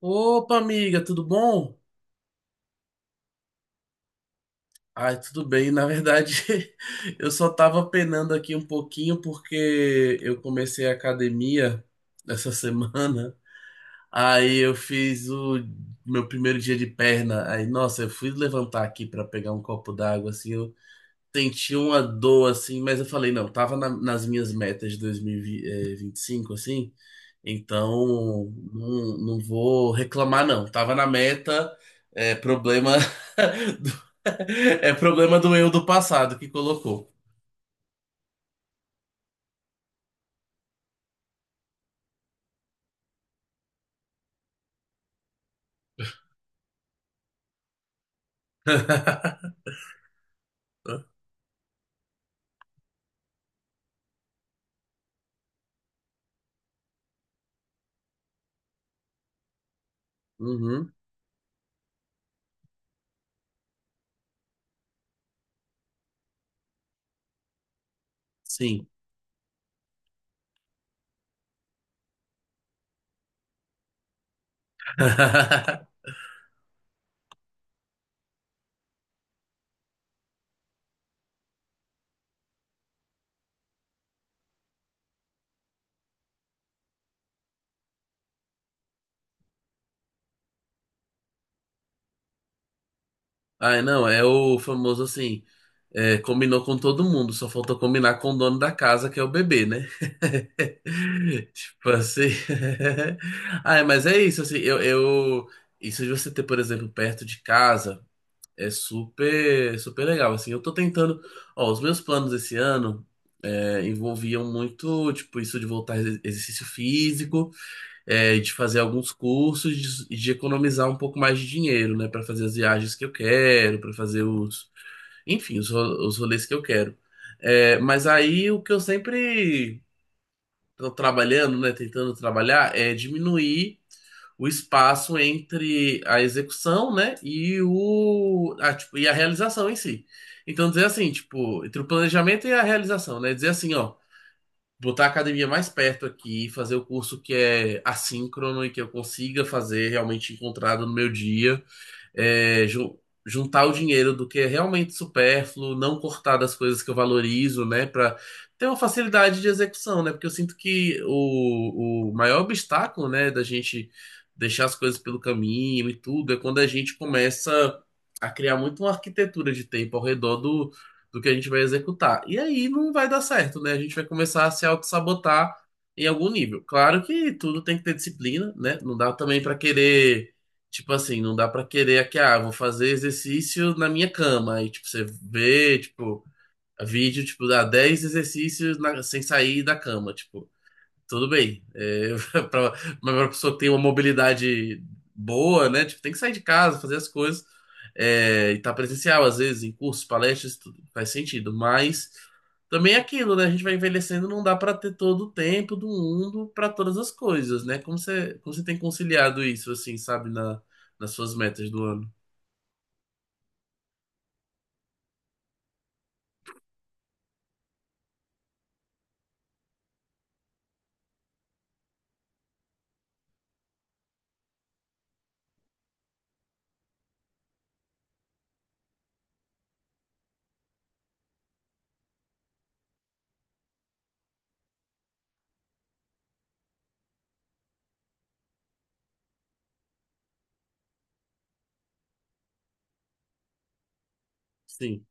Opa, amiga, tudo bom? Ai, tudo bem. Na verdade, eu só tava penando aqui um pouquinho porque eu comecei a academia essa semana. Aí eu fiz o meu primeiro dia de perna. Aí, nossa, eu fui levantar aqui pra pegar um copo d'água, assim, eu senti uma dor, assim, mas eu falei, não, tava nas minhas metas de dois mil e vinte e cinco assim. Então, não, não vou reclamar, não. Tava na meta, é problema do, é problema do eu do passado que colocou. Né? Uhum, sim. Ai, não, é o famoso assim, é, combinou com todo mundo, só faltou combinar com o dono da casa, que é o bebê, né? Tipo assim. Ai, mas é isso, assim. Isso de você ter, por exemplo, perto de casa. É super, super legal, assim, eu tô tentando, ó, os meus planos esse ano é, envolviam muito, tipo, isso de voltar a exercício físico, é, de fazer alguns cursos, de economizar um pouco mais de dinheiro, né, pra fazer as viagens que eu quero, pra fazer os, enfim, os rolês que eu quero. É, mas aí o que eu sempre estão trabalhando, né, tentando trabalhar, é diminuir o espaço entre a execução, né, e o a, tipo, e a realização em si. Então dizer assim, tipo, entre o planejamento e a realização, né, dizer assim, ó, botar a academia mais perto aqui, fazer o curso que é assíncrono e que eu consiga fazer realmente encontrado no meu dia é, juntar o dinheiro do que é realmente supérfluo, não cortar das coisas que eu valorizo, né, para ter uma facilidade de execução, né? Porque eu sinto que o maior obstáculo, né, da gente deixar as coisas pelo caminho e tudo é quando a gente começa a criar muito uma arquitetura de tempo ao redor do, do que a gente vai executar. E aí não vai dar certo, né? A gente vai começar a se auto-sabotar em algum nível. Claro que tudo tem que ter disciplina, né? Não dá também para querer. Tipo assim, não dá pra querer que, ah, vou fazer exercício na minha cama. Aí, tipo, você vê, tipo, vídeo, tipo, dá 10 exercícios sem sair da cama, tipo. Tudo bem. É, pra, mas pra pessoa ter uma mobilidade boa, né? Tipo, tem que sair de casa, fazer as coisas. É, e tá presencial, às vezes, em cursos, palestras, tudo faz sentido. Mas também é aquilo, né? A gente vai envelhecendo, não dá para ter todo o tempo do mundo para todas as coisas, né? Como você tem conciliado isso, assim, sabe, na, nas suas metas do ano? Sim.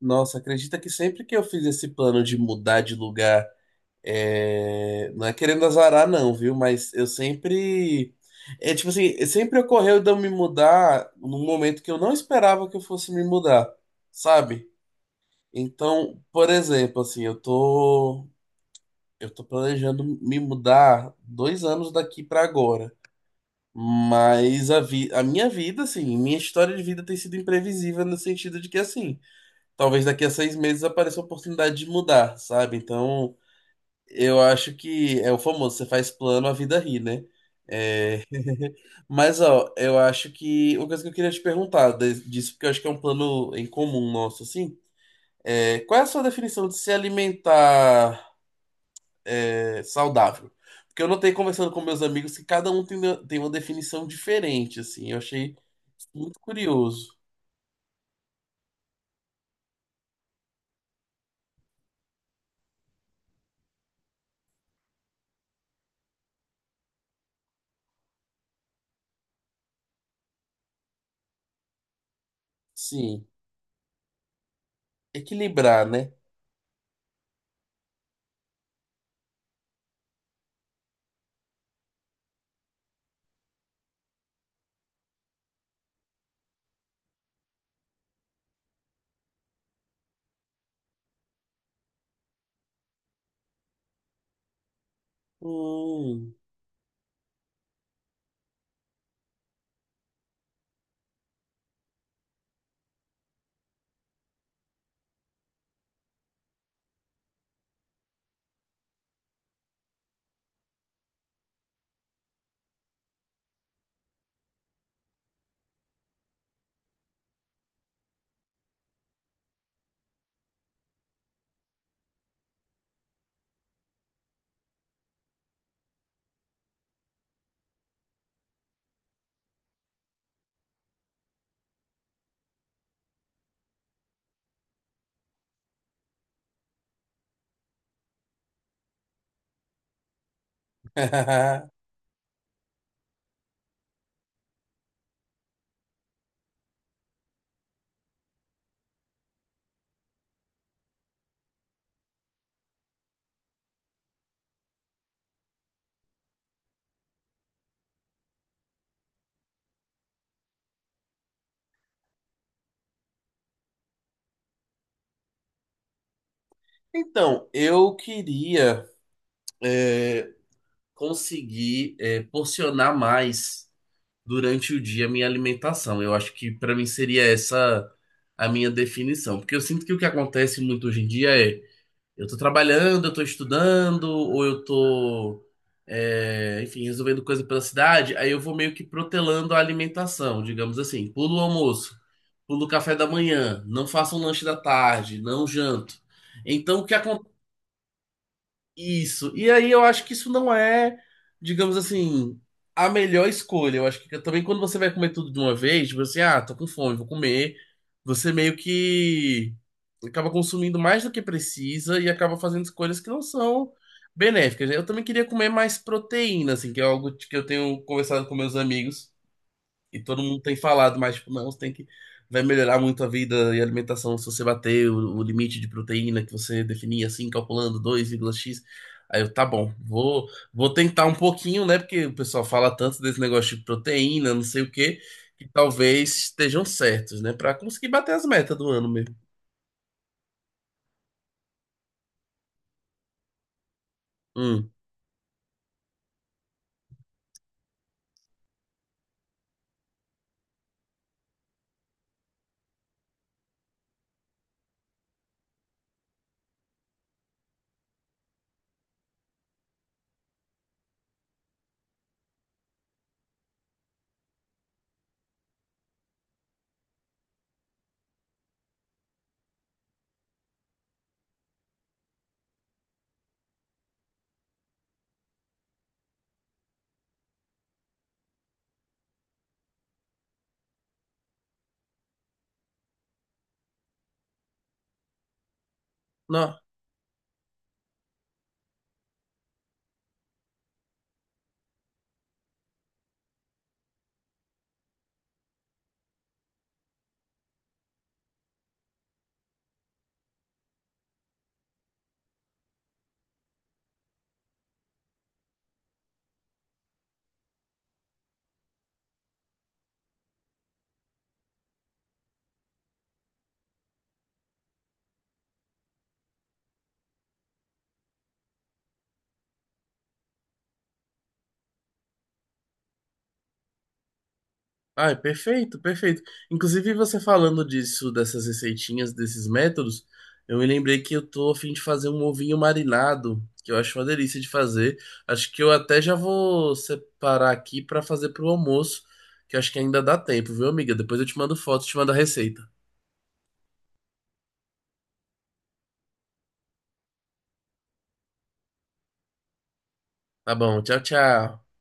Nossa, acredita que sempre que eu fiz esse plano de mudar de lugar. É, não é querendo azarar, não, viu? Mas eu sempre. É tipo assim, sempre ocorreu de eu me mudar num momento que eu não esperava que eu fosse me mudar, sabe? Então, por exemplo, assim, eu tô. Eu tô planejando me mudar 2 anos daqui pra agora. Mas a, vi a minha vida, assim, minha história de vida tem sido imprevisível no sentido de que, assim, talvez daqui a 6 meses apareça a oportunidade de mudar, sabe? Então. Eu acho que é o famoso, você faz plano, a vida ri, né? É... Mas, ó, eu acho que uma coisa que eu queria te perguntar disso, porque eu acho que é um plano em comum nosso, assim, é qual é a sua definição de se alimentar é, saudável? Porque eu notei conversando com meus amigos que cada um tem, tem uma definição diferente, assim, eu achei muito curioso. Sim, equilibrar, né? Hum. Então, eu queria, é, conseguir, porcionar mais durante o dia a minha alimentação. Eu acho que para mim seria essa a minha definição, porque eu sinto que o que acontece muito hoje em dia é eu tô trabalhando, eu tô estudando, ou eu tô é, enfim, resolvendo coisa pela cidade, aí eu vou meio que protelando a alimentação, digamos assim, pulo o almoço, pulo o café da manhã, não faço um lanche da tarde, não janto. Então, o que isso. E aí eu acho que isso não é, digamos assim, a melhor escolha. Eu acho que também quando você vai comer tudo de uma vez, tipo assim, ah, tô com fome, vou comer. Você meio que acaba consumindo mais do que precisa e acaba fazendo escolhas que não são benéficas, né? Eu também queria comer mais proteína, assim, que é algo que eu tenho conversado com meus amigos. E todo mundo tem falado, mas tipo, não, você tem que. Vai melhorar muito a vida e a alimentação se você bater o limite de proteína que você definia assim, calculando dois vírgula x. Aí eu, tá bom, vou tentar um pouquinho, né? Porque o pessoal fala tanto desse negócio de proteína, não sei o quê, que talvez estejam certos, né? Pra conseguir bater as metas do ano mesmo. Hum. Não. Ah, perfeito, perfeito. Inclusive, você falando disso, dessas receitinhas, desses métodos, eu me lembrei que eu tô a fim de fazer um ovinho marinado, que eu acho uma delícia de fazer. Acho que eu até já vou separar aqui pra fazer pro almoço, que eu acho que ainda dá tempo, viu, amiga? Depois eu te mando foto, te mando a receita. Tá bom, tchau, tchau.